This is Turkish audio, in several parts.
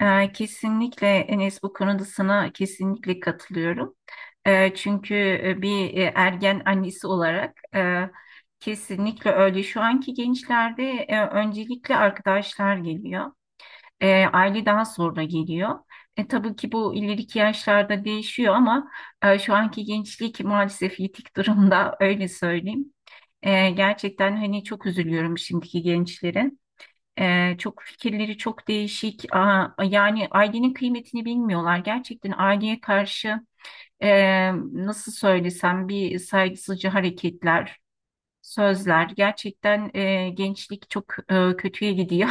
Kesinlikle Enes, bu konuda sana kesinlikle katılıyorum. Çünkü bir ergen annesi olarak, kesinlikle öyle. Şu anki gençlerde öncelikle arkadaşlar geliyor. Aile daha sonra geliyor. Tabii ki bu ileriki yaşlarda değişiyor ama şu anki gençlik maalesef yitik durumda, öyle söyleyeyim. Gerçekten hani çok üzülüyorum şimdiki gençlere. Çok fikirleri çok değişik. Yani ailenin kıymetini bilmiyorlar. Gerçekten aileye karşı e, nasıl söylesem, bir saygısızca hareketler, sözler. Gerçekten gençlik çok kötüye gidiyor.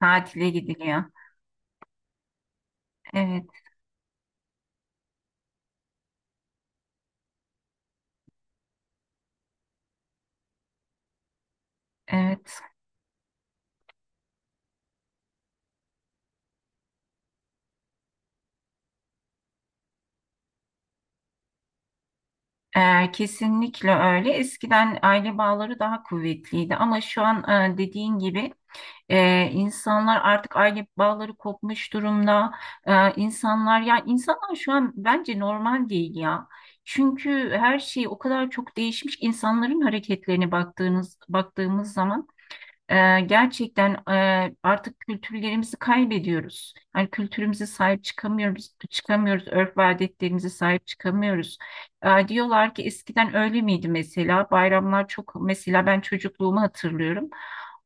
Tatile gidiliyor. Evet, evet. Kesinlikle öyle. Eskiden aile bağları daha kuvvetliydi ama şu an, dediğin gibi, insanlar artık aile bağları kopmuş durumda. İnsanlar ya insanlar şu an bence normal değil ya. Çünkü her şey o kadar çok değişmiş ki, insanların hareketlerine baktığımız zaman gerçekten artık kültürlerimizi kaybediyoruz. Yani kültürümüze sahip çıkamıyoruz, örf ve adetlerimize sahip çıkamıyoruz. Diyorlar ki eskiden öyle miydi mesela? Bayramlar çok, mesela ben çocukluğumu hatırlıyorum.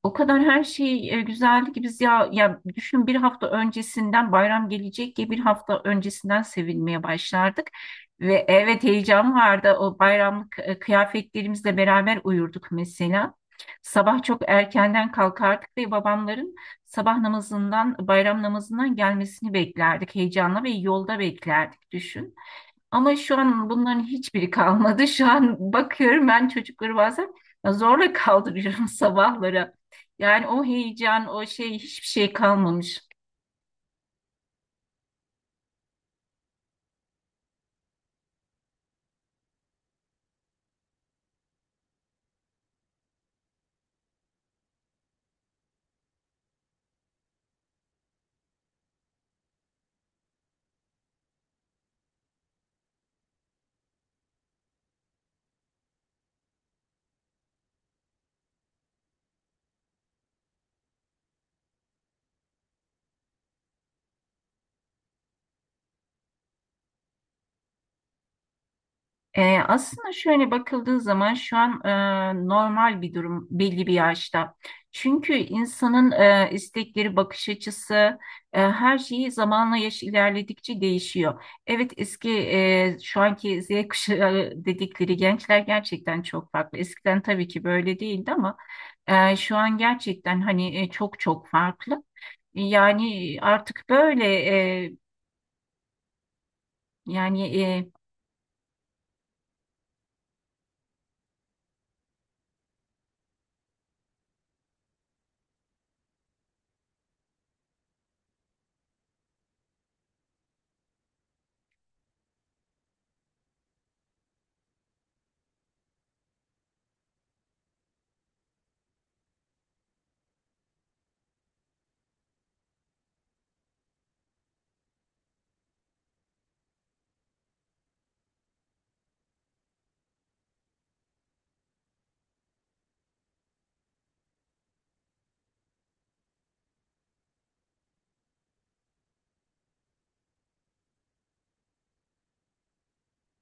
O kadar her şey güzeldi ki biz, ya düşün, bir hafta öncesinden bayram gelecek diye bir hafta öncesinden sevinmeye başlardık. Ve evet, heyecan vardı. O bayramlık kıyafetlerimizle beraber uyurduk mesela. Sabah çok erkenden kalkardık ve babamların sabah namazından, bayram namazından gelmesini beklerdik. Heyecanla ve yolda beklerdik, düşün. Ama şu an bunların hiçbiri kalmadı. Şu an bakıyorum, ben çocukları bazen zorla kaldırıyorum sabahlara. Yani o heyecan, o şey, hiçbir şey kalmamış. Aslında şöyle bakıldığı zaman şu an normal bir durum belli bir yaşta. Çünkü insanın istekleri, bakış açısı, her şeyi zamanla, yaş ilerledikçe değişiyor. Evet, şu anki Z kuşağı dedikleri gençler gerçekten çok farklı. Eskiden tabii ki böyle değildi ama şu an gerçekten hani çok çok farklı. Yani artık böyle e, yani e,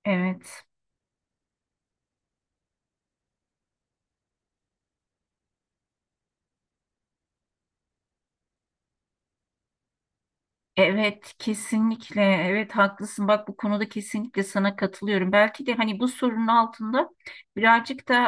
evet. Evet, kesinlikle. Evet, haklısın. Bak, bu konuda kesinlikle sana katılıyorum. Belki de hani bu sorunun altında birazcık da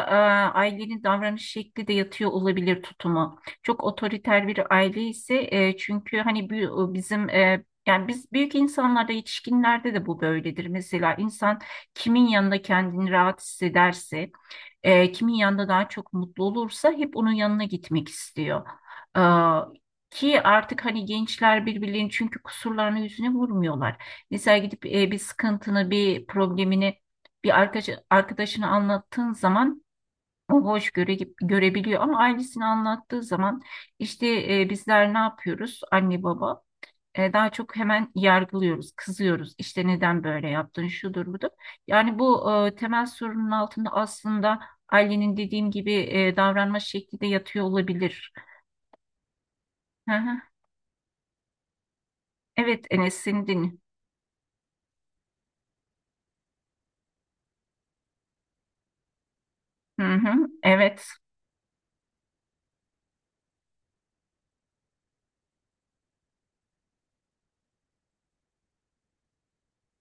ailenin davranış şekli de yatıyor olabilir, tutumu. Çok otoriter bir aile ise, çünkü hani bu bizim, yani biz büyük insanlarda, yetişkinlerde de bu böyledir. Mesela insan, kimin yanında kendini rahat hissederse, kimin yanında daha çok mutlu olursa hep onun yanına gitmek istiyor. E, Ki artık hani gençler birbirlerinin, çünkü, kusurlarını yüzüne vurmuyorlar. Mesela gidip bir sıkıntını, bir problemini bir arkadaşına anlattığın zaman o görebiliyor, ama ailesini anlattığı zaman işte, bizler ne yapıyoruz anne baba? Daha çok hemen yargılıyoruz, kızıyoruz. İşte neden böyle yaptın, şudur budur. Yani bu temel sorunun altında aslında ailenin, dediğim gibi, davranma şekli de yatıyor olabilir. Hı hı. Evet Enes, seni dinliyorum. Hı hı. Evet,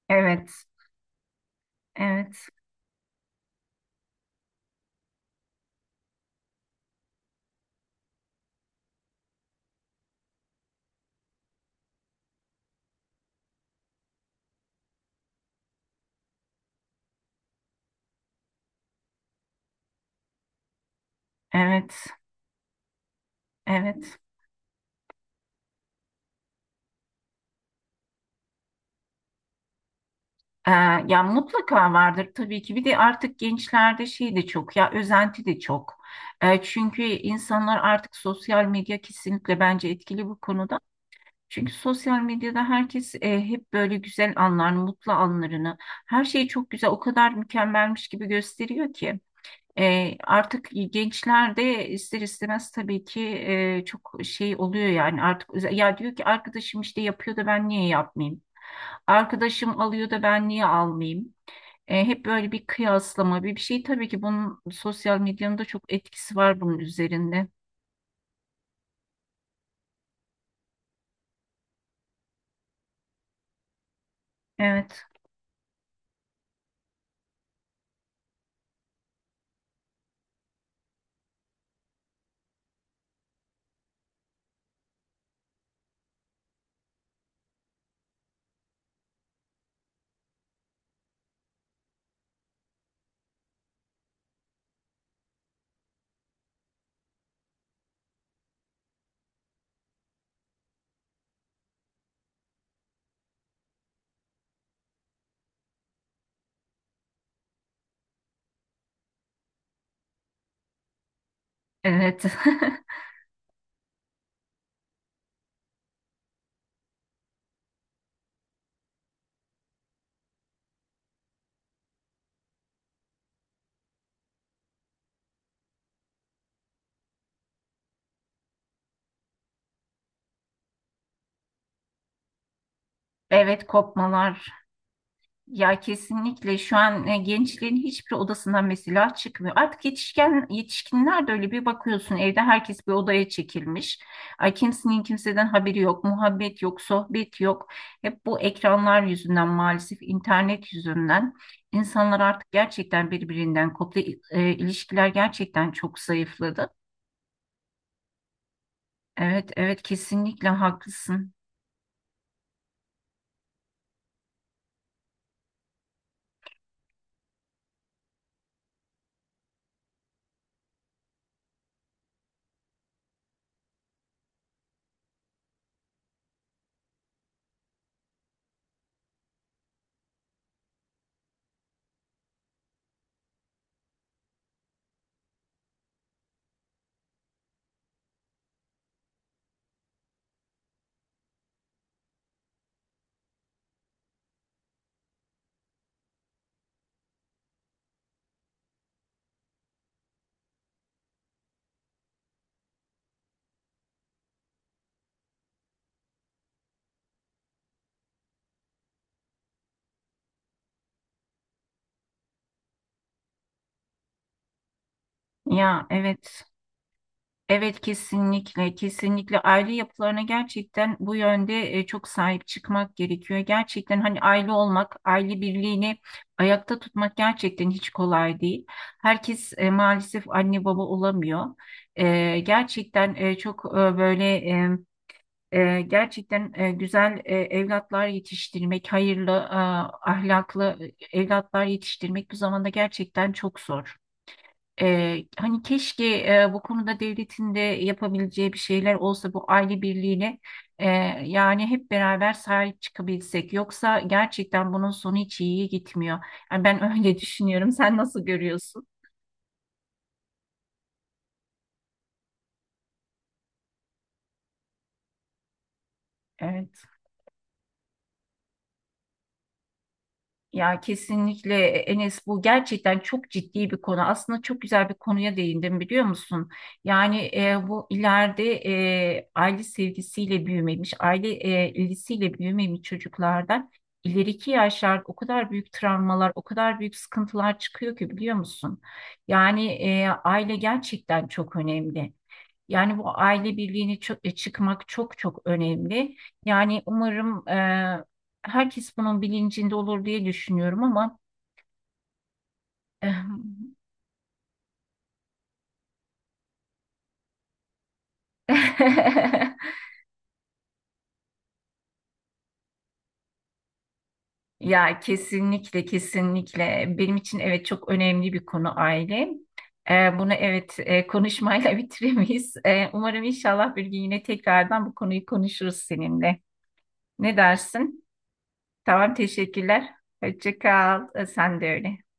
evet, evet, evet, evet. E, Ya mutlaka vardır tabii ki. Bir de artık gençlerde şey de çok, ya özenti de çok. Çünkü insanlar artık sosyal medya kesinlikle bence etkili bu konuda. Çünkü sosyal medyada herkes hep böyle güzel anlar, mutlu anlarını, her şeyi çok güzel, o kadar mükemmelmiş gibi gösteriyor ki. Artık gençler de ister istemez tabii ki çok şey oluyor, yani artık özel-, ya diyor ki arkadaşım işte yapıyor da ben niye yapmayayım? Arkadaşım alıyor da ben niye almayayım? Hep böyle bir kıyaslama, bir şey, tabii ki bunun, sosyal medyanın da çok etkisi var bunun üzerinde. Evet, evet, evet, kopmalar. Ya kesinlikle şu an gençlerin hiçbir odasından mesela çıkmıyor. Artık yetişkinler de öyle, bir bakıyorsun evde herkes bir odaya çekilmiş. Ay, kimsenin kimseden haberi yok, muhabbet yok, sohbet yok. Hep bu ekranlar yüzünden, maalesef internet yüzünden insanlar artık gerçekten birbirinden koptu. İlişkiler gerçekten çok zayıfladı. Evet, evet, kesinlikle haklısın. Ya evet. Evet kesinlikle, kesinlikle aile yapılarına gerçekten bu yönde çok sahip çıkmak gerekiyor. Gerçekten hani aile olmak, aile birliğini ayakta tutmak gerçekten hiç kolay değil. Herkes maalesef anne baba olamıyor. Gerçekten çok böyle gerçekten güzel evlatlar yetiştirmek, hayırlı, ahlaklı evlatlar yetiştirmek bu zamanda gerçekten çok zor. Hani keşke bu konuda devletin de yapabileceği bir şeyler olsa, bu aile birliğine e, yani hep beraber sahip çıkabilsek. Yoksa gerçekten bunun sonu hiç iyiye gitmiyor. Yani ben öyle düşünüyorum. Sen nasıl görüyorsun? Evet. Ya kesinlikle Enes, bu gerçekten çok ciddi bir konu. Aslında çok güzel bir konuya değindim, biliyor musun? Yani bu ileride aile sevgisiyle büyümemiş, aile ilgisiyle büyümemiş çocuklardan ileriki yaşlarda o kadar büyük travmalar, o kadar büyük sıkıntılar çıkıyor ki, biliyor musun? Yani aile gerçekten çok önemli. Yani bu aile birliğini çıkmak çok çok önemli. Yani umarım herkes bunun bilincinde olur diye düşünüyorum, ama ya kesinlikle, kesinlikle benim için evet, çok önemli bir konu aile. Bunu, evet, konuşmayla bitiremeyiz. Umarım inşallah bir gün yine tekrardan bu konuyu konuşuruz seninle. Ne dersin? Tamam, teşekkürler. Hoşça kal. Sen de öyle.